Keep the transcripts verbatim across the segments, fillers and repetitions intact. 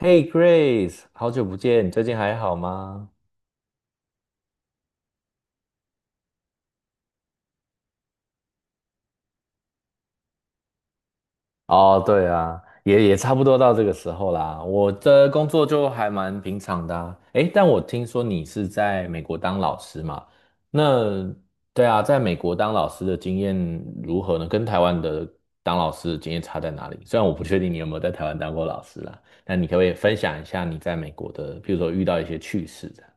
Hey Grace，好久不见，你最近还好吗？哦，对啊，也也差不多到这个时候啦。我的工作就还蛮平常的啊。诶，但我听说你是在美国当老师嘛？那对啊，在美国当老师的经验如何呢？跟台湾的当老师的经验差在哪里？虽然我不确定你有没有在台湾当过老师啦，那你可不可以分享一下你在美国的，比如说遇到一些趣事这样。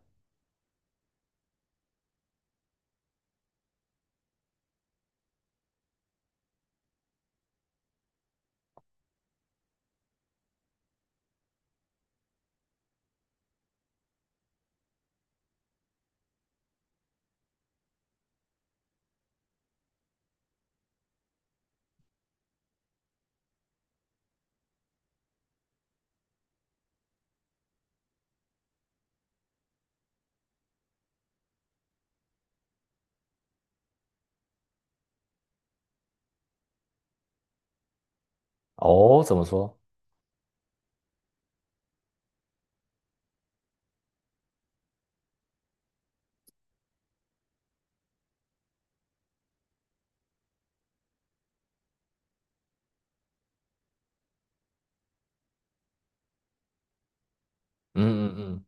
哦，怎么说？嗯嗯嗯。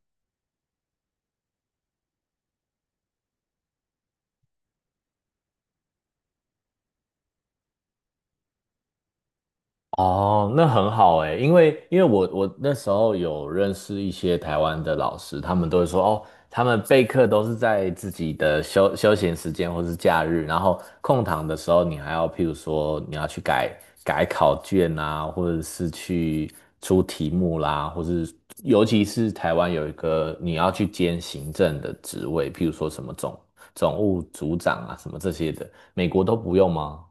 哦，那很好哎，因为因为我我那时候有认识一些台湾的老师，他们都会说哦，他们备课都是在自己的休休闲时间或是假日，然后空堂的时候，你还要譬如说你要去改改考卷啊，或者是去出题目啦，或是尤其是台湾有一个你要去兼行政的职位，譬如说什么总总务组长啊，什么这些的，美国都不用吗？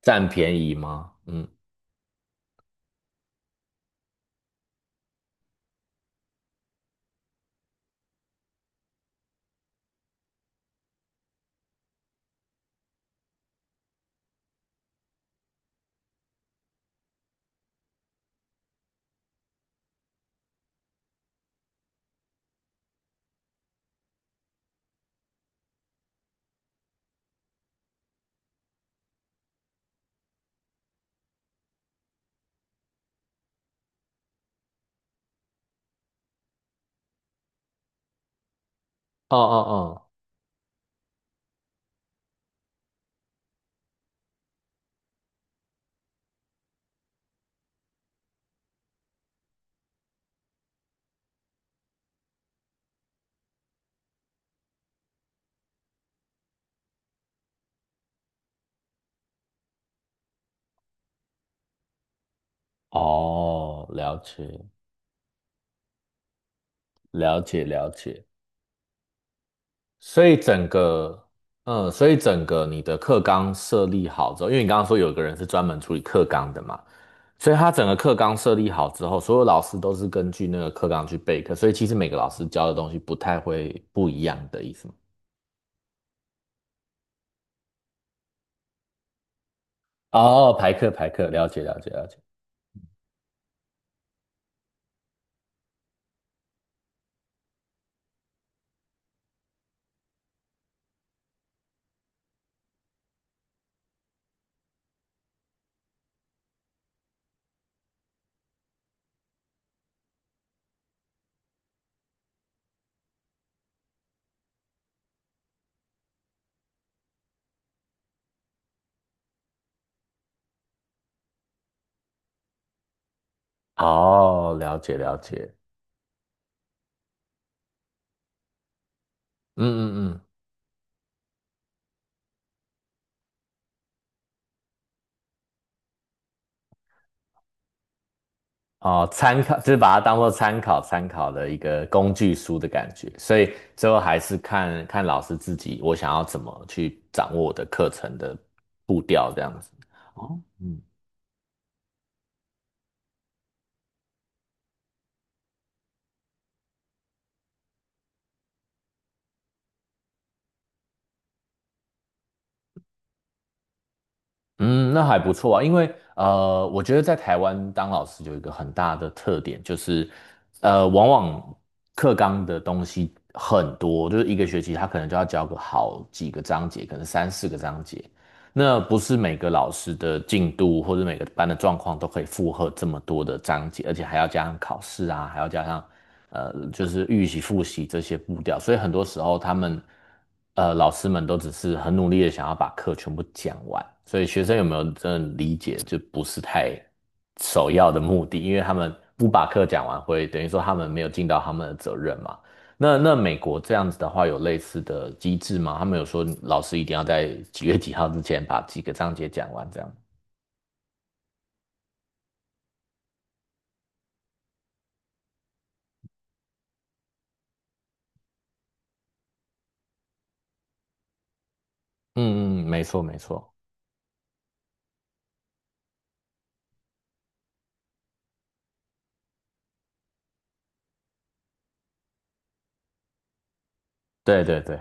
占便宜吗？嗯。哦哦哦哦，了解，了解，了解。所以整个，嗯，所以整个你的课纲设立好之后，因为你刚刚说有一个人是专门处理课纲的嘛，所以他整个课纲设立好之后，所有老师都是根据那个课纲去备课，所以其实每个老师教的东西不太会不一样的意思吗？哦，排课排课，了解了解了解。哦，了解了解。嗯嗯嗯。哦，参考就是把它当做参考参考的一个工具书的感觉，所以最后还是看看老师自己，我想要怎么去掌握我的课程的步调这样子。哦，嗯嗯，那还不错啊，因为呃，我觉得在台湾当老师有一个很大的特点，就是呃，往往课纲的东西很多，就是一个学期他可能就要教个好几个章节，可能三四个章节。那不是每个老师的进度或者每个班的状况都可以负荷这么多的章节，而且还要加上考试啊，还要加上呃，就是预习、复习这些步调，所以很多时候他们呃老师们都只是很努力的想要把课全部讲完，所以学生有没有真的理解，就不是太首要的目的，因为他们不把课讲完会等于说他们没有尽到他们的责任嘛。那那美国这样子的话，有类似的机制吗？他们有说老师一定要在几月几号之前把几个章节讲完，这样。嗯嗯，没错没错，对对对。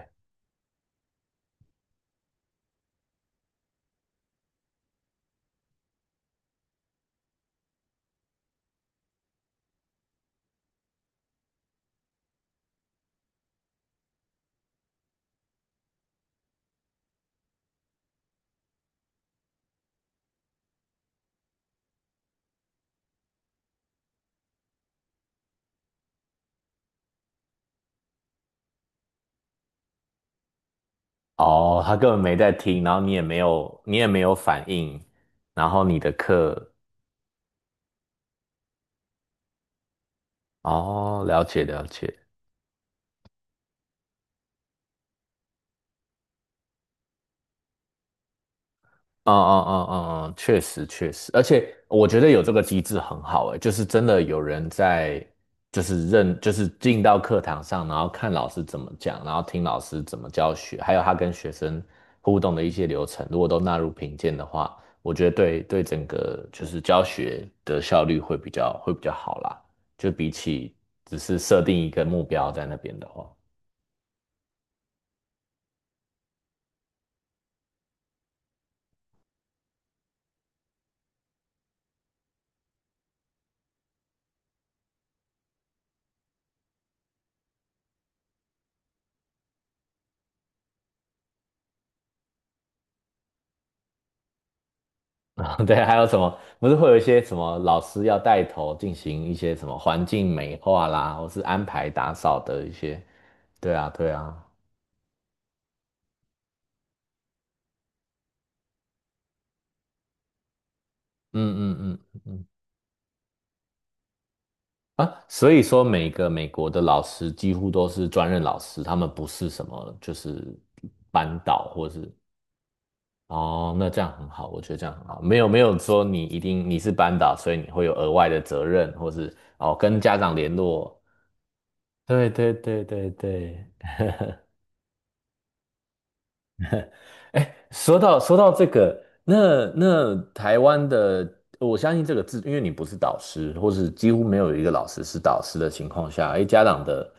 哦，他根本没在听，然后你也没有你也没有反应，然后你的课，哦，了解了解。嗯嗯嗯嗯嗯，确实确实，而且我觉得有这个机制很好诶，就是真的有人在，就是认，就是进到课堂上，然后看老师怎么讲，然后听老师怎么教学，还有他跟学生互动的一些流程，如果都纳入评鉴的话，我觉得对对整个就是教学的效率会比较会比较好啦，就比起只是设定一个目标在那边的话。对，还有什么？不是会有一些什么老师要带头进行一些什么环境美化啦，或是安排打扫的一些？对啊，对啊，嗯嗯嗯嗯。啊，所以说每个美国的老师几乎都是专任老师，他们不是什么就是班导或是哦，那这样很好，我觉得这样很好，没有没有说你一定你是班导，所以你会有额外的责任，或是哦跟家长联络。对对对对对，哎，说到说到这个，那那台湾的，我相信这个字，因为你不是导师，或是几乎没有一个老师是导师的情况下，哎，家长的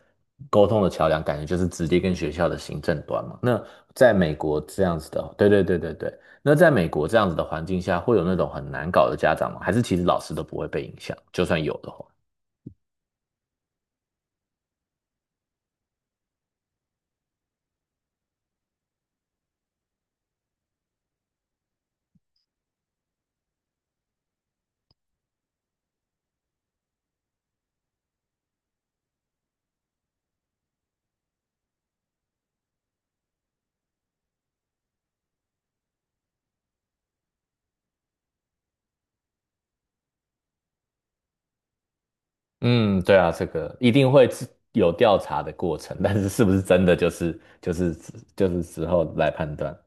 沟通的桥梁，感觉就是直接跟学校的行政端嘛。那在美国这样子的，对对对对对，那在美国这样子的环境下，会有那种很难搞的家长吗？还是其实老师都不会被影响，就算有的话？嗯，对啊，这个一定会自有调查的过程，但是是不是真的就是就是就是之后来判断。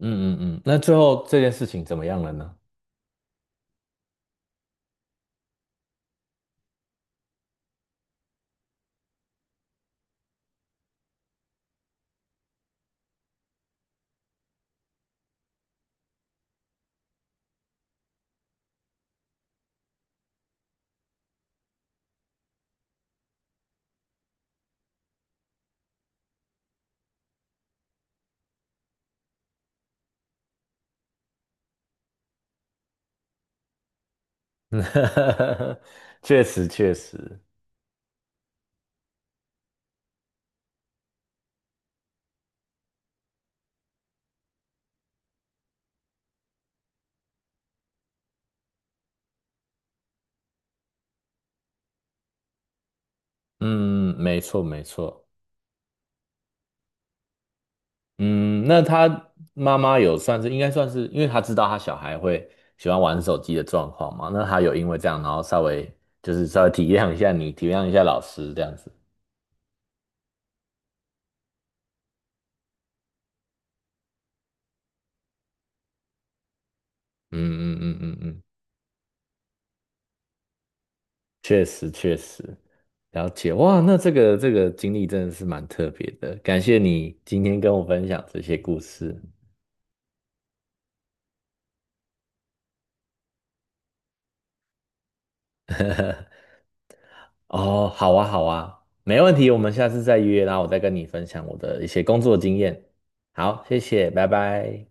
嗯嗯嗯，那最后这件事情怎么样了呢？确实确实，嗯，嗯没错没错，嗯，那他妈妈有算是应该算是，因为他知道他小孩会喜欢玩手机的状况嘛，那他有因为这样，然后稍微就是稍微体谅一下你，体谅一下老师这样子，嗯嗯嗯嗯嗯，确实确实，了解，哇，那这个这个经历真的是蛮特别的，感谢你今天跟我分享这些故事。哦，好啊，好啊，没问题，我们下次再约，然后我再跟你分享我的一些工作经验。好，谢谢，拜拜。